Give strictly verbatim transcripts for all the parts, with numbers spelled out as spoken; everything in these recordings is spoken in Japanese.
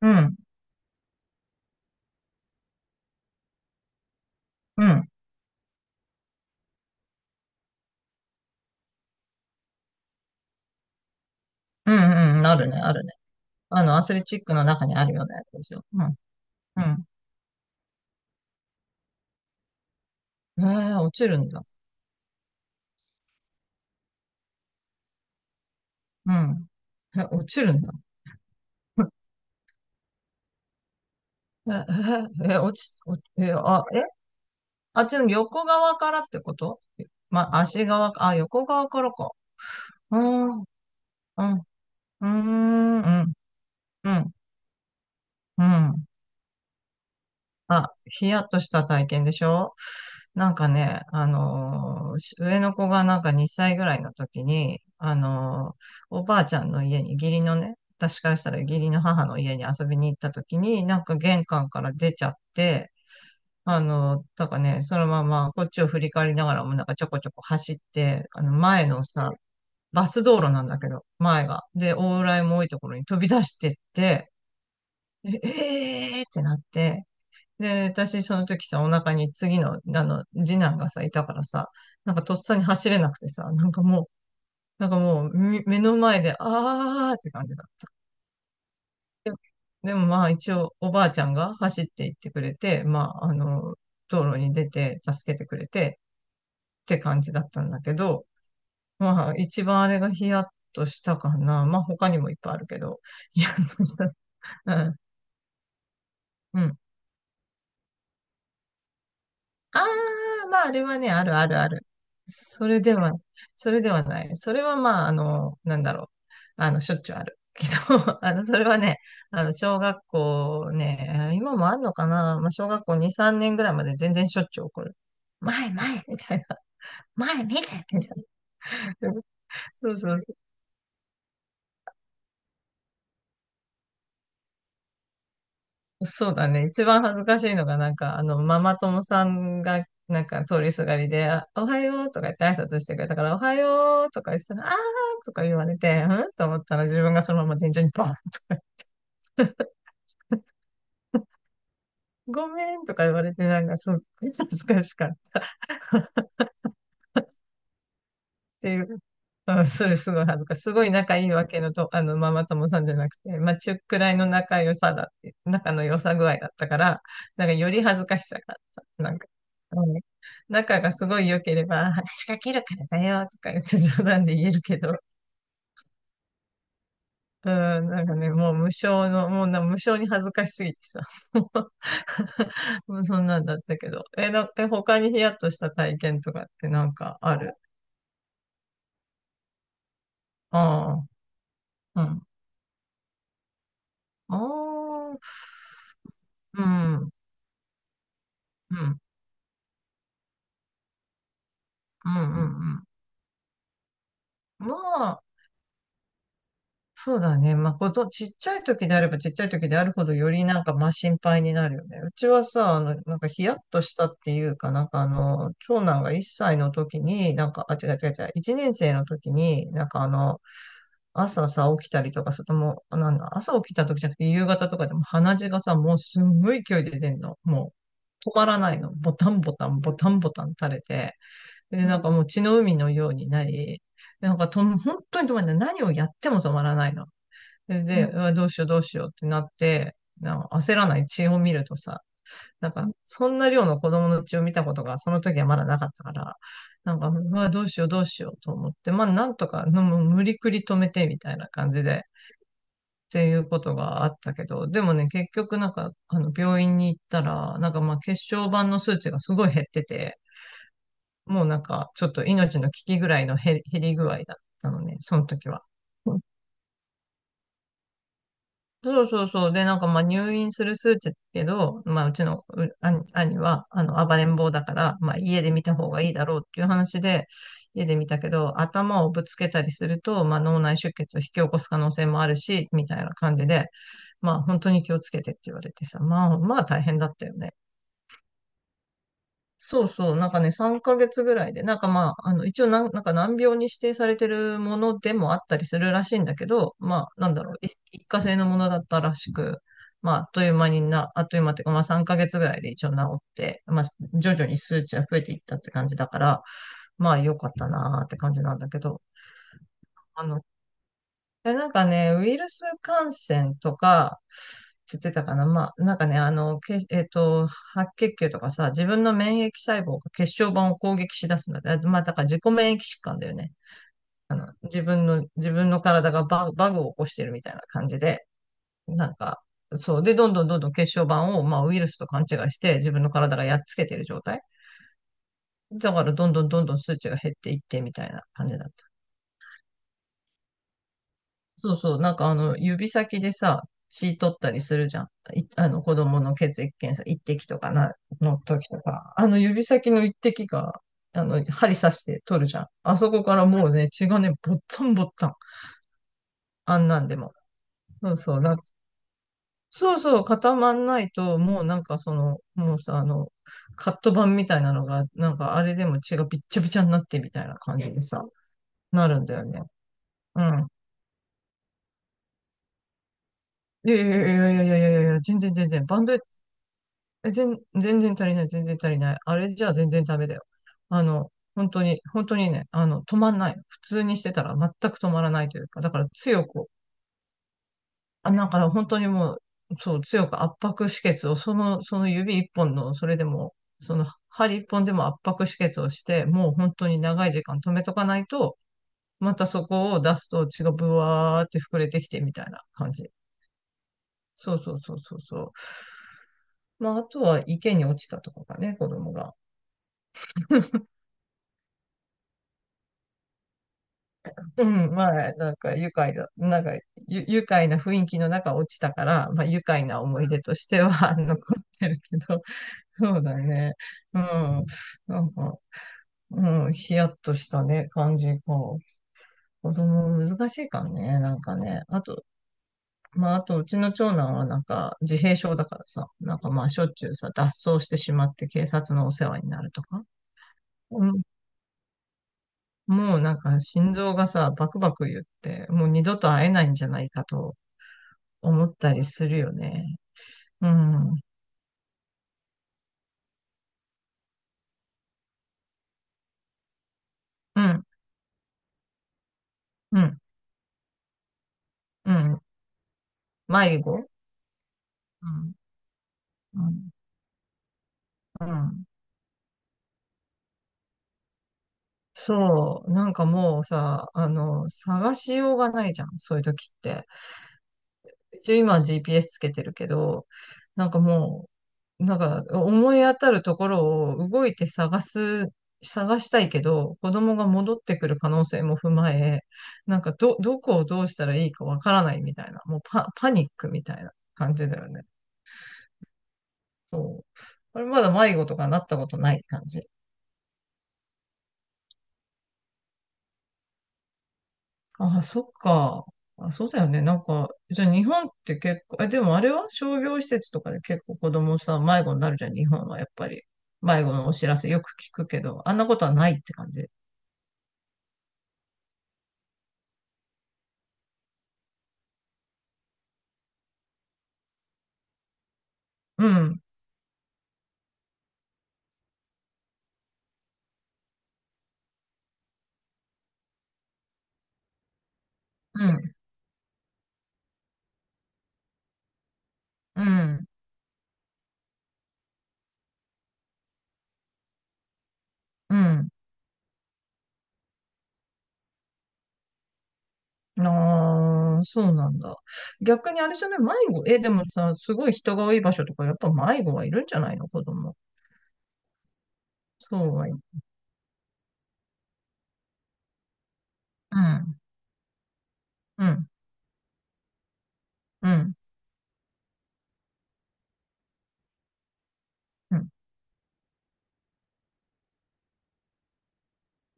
うん、うん、うん、うん、あるね、あるね。あの、アスレチックの中にあるようなやつでしょ。うん、うん。えー、落ちるんだ。うん。え、落ちるんだ。え、え、え、落ち、落ち、え、あ、え、あっちの横側からってこと、ま、足側か、あ、横側からか。うーん、うん、うーん、うん、うん、うん。あ、ヒヤッとした体験でしょ。なんかね、あのー上の子がなんかにさいぐらいの時に、あのーおばあちゃんの家に、義理のね、私からしたら義理の母の家に遊びに行った時に、なんか玄関から出ちゃって、あのーだからね、そのままこっちを振り返りながらもなんかちょこちょこ走って、あの前のさ、バス道路なんだけど、前が。で、往来も多いところに飛び出してって、ええーってなって、で、私、その時さ、お腹に次の、あの、次男がさ、いたからさ、なんかとっさに走れなくてさ、なんかもう、なんかもう、み目の前で、あーって感じだった。で、でもまあ、一応、おばあちゃんが走って行ってくれて、まあ、あの、道路に出て、助けてくれて、って感じだったんだけど、まあ、一番あれがヒヤッとしたかな。まあ、他にもいっぱいあるけど、ヒヤッとした。うん。うん。ああ、まあ、あれはね、あるあるある。それでは、それではない。それはまあ、あの、なんだろう。あの、しょっちゅうある。けど、あの、それはね、あの、小学校ね、今もあんのかな。まあ、小学校に、さんねんぐらいまで全然しょっちゅう起こる。前、前みたいな。前、見てみたいな。そうそう、そうだね。一番恥ずかしいのが、なんか、あの、ママ友さんが、なんか、通りすがりで、あおはようとか言って挨拶してくれたから、おはようとか言ってたら、あーとか言われて、うんと思ったら自分がそのまま天井にバーンとか、ごめんとか言われて、なんか、すっごい恥ずかしかったっていう。うん、する、すごい恥ずかしい。すごい仲いいわけのと、あの、ママ友さんじゃなくて、まあ、中くらいの仲良さだって、仲の良さ具合だったから、なんかより恥ずかしさがあった。なんか、うん、仲がすごい良ければ、話しかけるからだよ、とか言って冗談で言えるけど、うん、なんかね、もう無償の、もうな、無償に恥ずかしすぎてさ、もう もうそんなんだったけど。え、な、え、他にヒヤッとした体験とかってなんかある？ああ、うん。ああ、うん、うん。うんうんうん。まあ、そうだね。まあ、こと、ちっちゃい時であればちっちゃい時であるほどよりなんかまあ心配になるよね。うちはさ、あの、なんかヒヤッとしたっていうかなんかあの、長男がいっさいの時に、なんか、あ、違う違う違う、いちねん生の時に、なんかあの、朝さ、起きたりとか、それとも、なんだ、朝起きた時じゃなくて夕方とかでも鼻血がさ、もうすんごい勢いで出んの。もう、止まらないの。ボタンボタン、ボタンボタン垂れて。で、なんかもう血の海のようになり、なんかと、本当に止まらない。何をやっても止まらないの。で、でうわどうしようどうしようってなって、なんか焦らない血を見るとさ、なんか、そんな量の子供の血を見たことが、その時はまだなかったから、なんか、うわ、どうしようどうしようと思って、まあ、なんとか、のもう無理くり止めてみたいな感じで、っていうことがあったけど、でもね、結局なんか、あの、病院に行ったら、なんかまあ、血小板の数値がすごい減ってて、もうなんか、ちょっと命の危機ぐらいの減り減り具合だったのね、その時は。うん、そうそうそう。で、なんかまあ入院する数値だけど、まあうちのう兄兄は、あの、暴れん坊だから、まあ家で見た方がいいだろうっていう話で、家で見たけど、頭をぶつけたりすると、まあ脳内出血を引き起こす可能性もあるし、みたいな感じで、まあ本当に気をつけてって言われてさ、まあまあ大変だったよね。そうそう、なんかね、さんかげつぐらいで、なんかまあ、あの、一応なん、なんか難病に指定されてるものでもあったりするらしいんだけど、まあ、なんだろう、い一過性のものだったらしく、まあ、あっという間にな、あっという間っていうか、まあさんかげつぐらいで一応治って、まあ、徐々に数値は増えていったって感じだから、まあ、良かったなーって感じなんだけど、あの、で、なんかね、ウイルス感染とか、って言ってたかな。まあ、なんかね、あの、け、えっと、白血球とかさ、自分の免疫細胞が血小板を攻撃し出すんだって。あまあ、だから自己免疫疾患だよね。あの、自分の、自分の体がバグ、バグを起こしてるみたいな感じで、なんか、そう。で、どんどんどんどん血小板を、まあ、ウイルスと勘違いして、自分の体がやっつけてる状態。だから、どんどんどんどん数値が減っていって、みたいな感じだった。そうそう、なんかあの、指先でさ、血取ったりするじゃん。いあの、子供の血液検査、一滴とかな、の時とか、あの指先の一滴が、あの、針刺して取るじゃん。あそこからもうね、血がね、ぼったんぼったん。あんなんでも。そうそう、なん、そうそう、固まんないと、もうなんかその、もうさ、あの、カット板みたいなのが、なんかあれでも血がびっちゃびちゃになってみたいな感じでさ、なるんだよね。うん。いやいやいやいやいやいやいや、全然全然、バンドエッ、え、全、全然足りない、全然足りない。あれじゃ全然ダメだよ。あの、本当に、本当にね、あの、止まんない。普通にしてたら全く止まらないというか、だから強く、あ、だから本当にもう、そう、強く圧迫止血を、その、その指一本の、それでも、その針一本でも圧迫止血をして、もう本当に長い時間止めとかないと、またそこを出すと血がブワーって膨れてきてみたいな感じ。そうそうそうそうそう。まあ、あとは池に落ちたとかかね、子供が。うん、まあ、なんか愉快だ、なんかゆ愉快な雰囲気の中落ちたから、まあ愉快な思い出としては 残ってるけど、そうだね。うん、なんか、うん、ヒヤッとしたね、感じか。子供難しいからね、なんかね。あと、まあ、あと、うちの長男はなんか自閉症だからさ、なんかまあしょっちゅうさ、脱走してしまって警察のお世話になるとか。うん、もうなんか心臓がさ、バクバク言って、もう二度と会えないんじゃないかと思ったりするよね。うん、うん、うん、うん。迷子、うん、うん、うん。そう、なんかもうさ、あの、探しようがないじゃん、そういう時って。一応今 ジーピーエス つけてるけど、なんかもう、なんか思い当たるところを動いて探す、探したいけど、子供が戻ってくる可能性も踏まえ、なんかど、どこをどうしたらいいかわからないみたいな、もうパ、パニックみたいな感じだよね。そう。あれまだ迷子とかなったことない感じ？ああ、そっか。あ、そうだよね。なんか、じゃあ日本って結構、え、でもあれは商業施設とかで結構子供さ、迷子になるじゃん、日本はやっぱり。迷子のお知らせよく聞くけど、あんなことはないって感じ？うん、うん、うん、うん。ああ、そうなんだ。逆にあれじゃない、迷子、え、でもさ、すごい人が多い場所とか、やっぱ迷子はいるんじゃないの、子供。そうはい。うん、うん、うん、うん、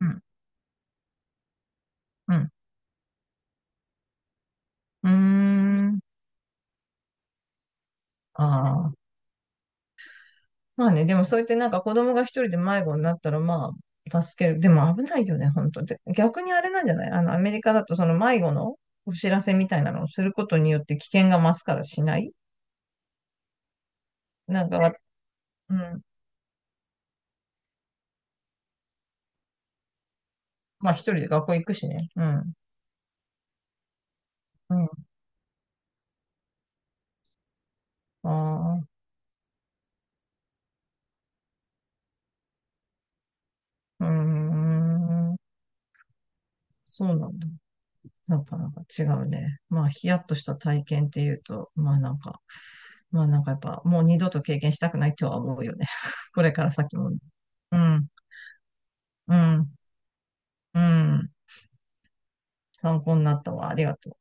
うん、うん。うーん。ああ。まあね、でもそうやってなんか子供が一人で迷子になったらまあ、助ける。でも危ないよね、本当で、逆にあれなんじゃない、あの、アメリカだとその迷子のお知らせみたいなのをすることによって危険が増すからしない。なんか、うん。まあ一人で学校行くしね。うん。うん。ああ。うーん。そうなんだ。やっぱなんか違うね。まあ、ヒヤッとした体験っていうと、まあなんか、まあなんかやっぱもう二度と経験したくないとは思うよね。これから先もね。うん、うん、うん。参考になったわ。ありがとう。